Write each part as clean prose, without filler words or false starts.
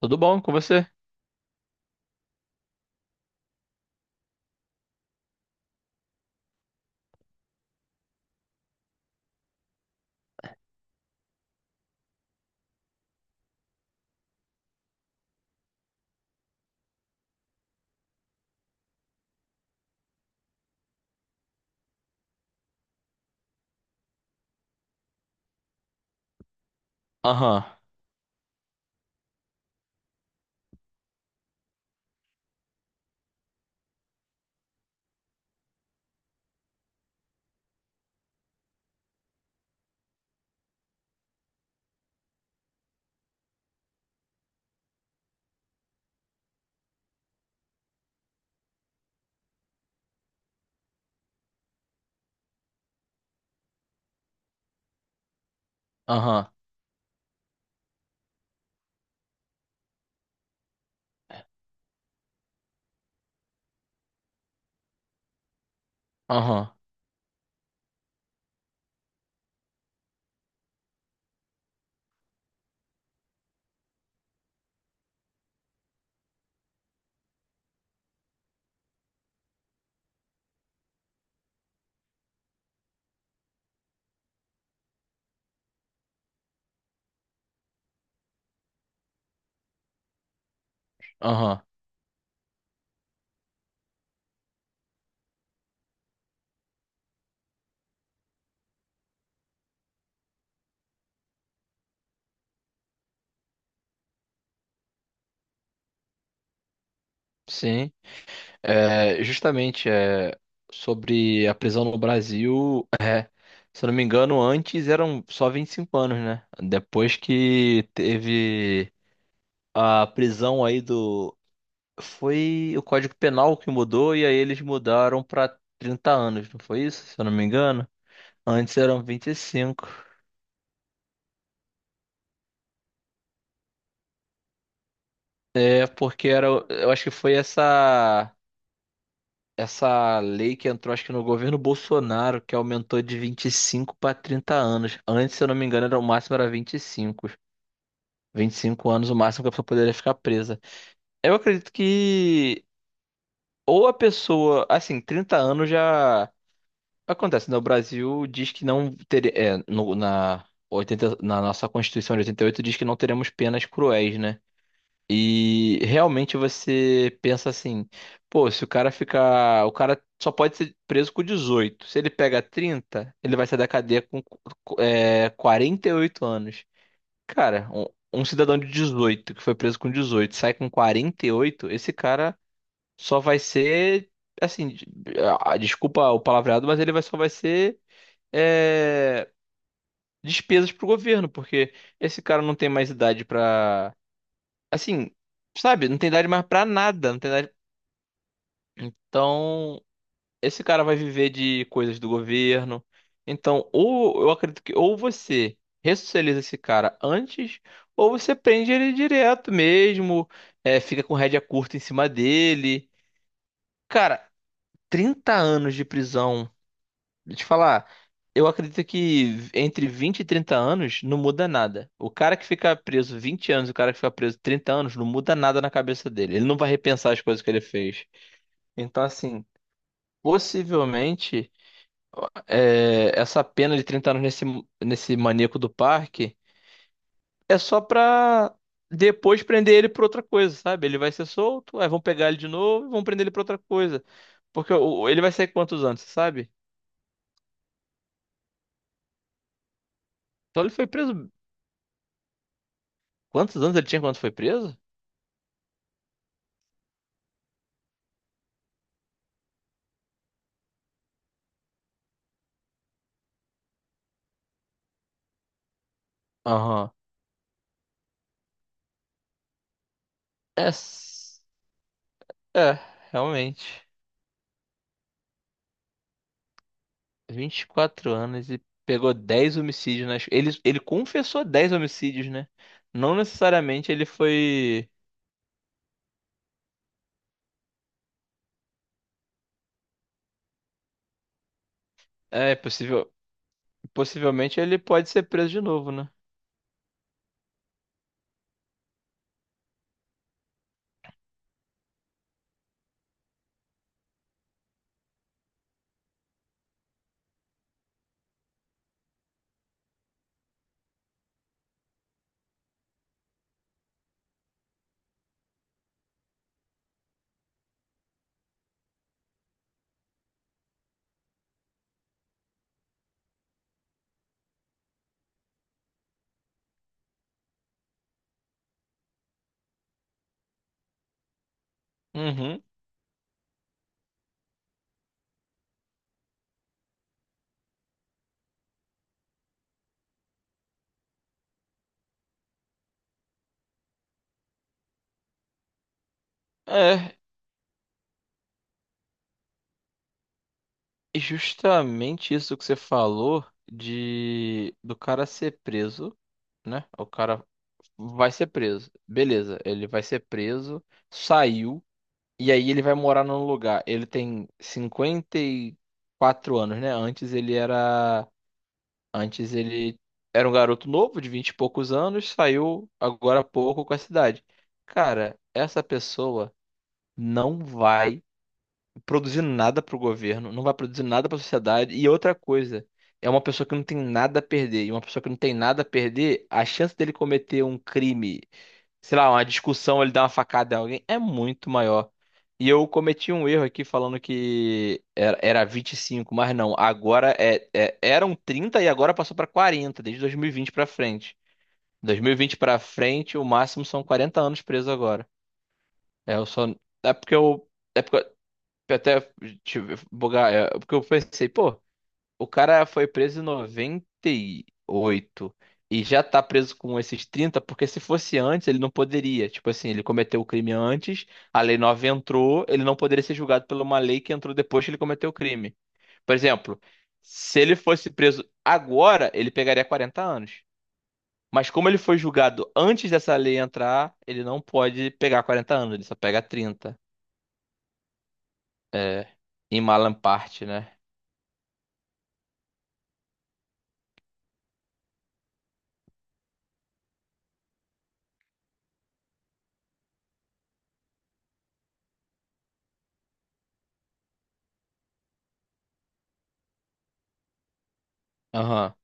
Tudo bom com você? Aham, aham, aham, aham. Sim. É, justamente, sobre a prisão no Brasil, se eu não me engano, antes eram só 25 anos, né? Depois que teve a prisão aí do. Foi o Código Penal que mudou e aí eles mudaram para 30 anos, não foi isso? Se eu não me engano. Antes eram vinte e cinco. É, porque era. Eu acho que foi essa lei que entrou, acho que no governo Bolsonaro, que aumentou de 25 para 30 anos. Antes, se eu não me engano, era, o máximo era 25. 25 anos, o máximo que a pessoa poderia ficar presa. Eu acredito que ou a pessoa, assim, 30 anos já acontece, né? O Brasil diz que não teria, na 80 na nossa Constituição de 88 diz que não teremos penas cruéis, né? E realmente você pensa assim, pô, se o cara ficar, o cara só pode ser preso com 18. Se ele pega 30, ele vai sair da cadeia com 48 anos. Cara, um cidadão de 18 que foi preso com 18, sai com 48, esse cara só vai ser assim, de- ah, desculpa o palavreado, mas ele vai só vai ser é, despesas pro governo, porque esse cara não tem mais idade. Assim, sabe? Não tem idade mais pra nada. Não tem idade... Então, esse cara vai viver de coisas do governo. Então, ou eu acredito que ou você ressocializa esse cara antes, ou você prende ele direto mesmo, fica com rédea curta em cima dele. Cara, 30 anos de prisão. Deixa eu te falar, eu acredito que entre 20 e 30 anos não muda nada. O cara que fica preso 20 anos, o cara que fica preso 30 anos, não muda nada na cabeça dele. Ele não vai repensar as coisas que ele fez. Então, assim, possivelmente, essa pena de 30 anos nesse maníaco do parque é só pra depois prender ele por outra coisa, sabe? Ele vai ser solto, aí vão pegar ele de novo e vão prender ele por outra coisa. Porque ele vai sair quantos anos, você sabe? Então ele foi preso. Quantos anos ele tinha quando foi preso? Aham. É, s- é, realmente. Vinte e quatro anos e pegou 10 homicídios nas. Ele confessou 10 homicídios, né? Não necessariamente ele foi. É, possível... Possivelmente ele pode ser preso de novo, né? Uhum. É, e justamente isso que você falou de do cara ser preso, né? O cara vai ser preso. Beleza, ele vai ser preso, saiu. E aí ele vai morar num lugar. Ele tem cinquenta e quatro anos, né? Antes ele era. Antes ele era um garoto novo, de 20 e poucos anos, saiu agora há pouco com a cidade. Cara, essa pessoa não vai produzir nada pro governo, não vai produzir nada pra sociedade. E outra coisa, é uma pessoa que não tem nada a perder. E uma pessoa que não tem nada a perder, a chance dele cometer um crime, sei lá, uma discussão, ele dá uma facada em alguém, é muito maior. E eu cometi um erro aqui falando que era vinte e cinco, mas não, agora eram 30 e agora passou para 40 desde 2020 para frente. Dois mil e vinte para frente, o máximo são 40 anos preso agora. É, eu só é porque eu é porque eu até tive bugar, é porque eu pensei, pô, o cara foi preso em 98 e oito e já tá preso com esses 30 porque se fosse antes, ele não poderia. Tipo assim, ele cometeu o crime antes, a lei nova entrou, ele não poderia ser julgado por uma lei que entrou depois que ele cometeu o crime. Por exemplo, se ele fosse preso agora, ele pegaria 40 anos. Mas como ele foi julgado antes dessa lei entrar, ele não pode pegar 40 anos, ele só pega trinta. É, em Malam parte, né? Aham.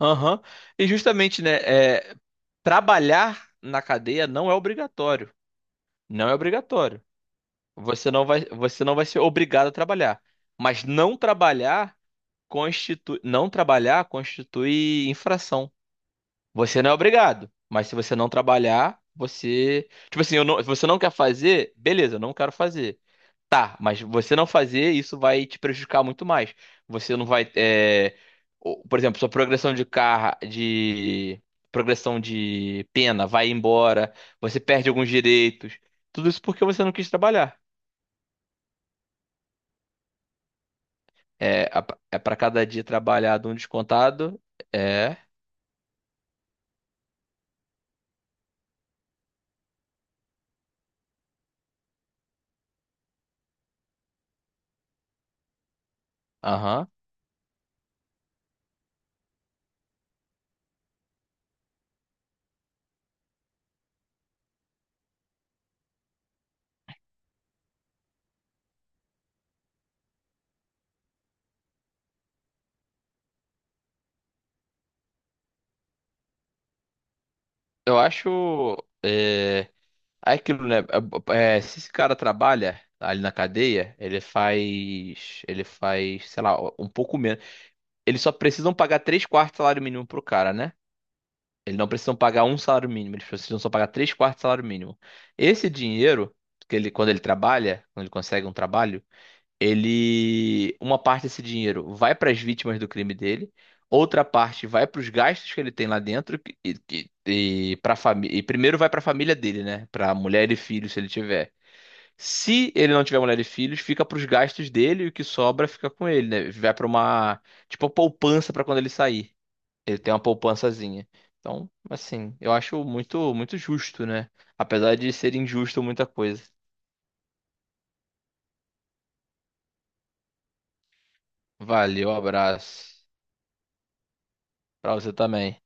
Aham. E justamente, né? é, Trabalhar na cadeia não é obrigatório. Não é obrigatório. Você não vai ser obrigado a trabalhar. Mas não trabalhar constitui infração. Você não é obrigado, mas se você não trabalhar, você, tipo assim, eu não- se você não quer fazer, beleza, eu não quero fazer. Tá, mas você não fazer isso vai te prejudicar muito mais. Você não vai, é, o- Por exemplo, sua progressão de pena vai embora, você perde alguns direitos. Tudo isso porque você não quis trabalhar. É, a- é para cada dia trabalhado um descontado. É, aham. Eu acho, é, é aquilo, né? Se esse cara trabalha ali na cadeia, ele faz, sei lá, um pouco menos. Eles só precisam pagar três quartos de salário mínimo pro cara, né? Eles não precisam pagar um salário mínimo, eles precisam só pagar três quartos de salário mínimo. Esse dinheiro, que ele, quando ele trabalha, quando ele consegue um trabalho, ele. Uma parte desse dinheiro vai para as vítimas do crime dele, outra parte vai para os gastos que ele tem lá dentro, para família. E primeiro vai para a família dele, né? Para mulher e filhos, se ele tiver. Se ele não tiver mulher e filhos, fica para os gastos dele e o que sobra fica com ele, né? Vai para uma, tipo, poupança para quando ele sair. Ele tem uma poupançazinha. Então, assim, eu acho muito justo, né? Apesar de ser injusto muita coisa. Valeu, abraço. Pra você também.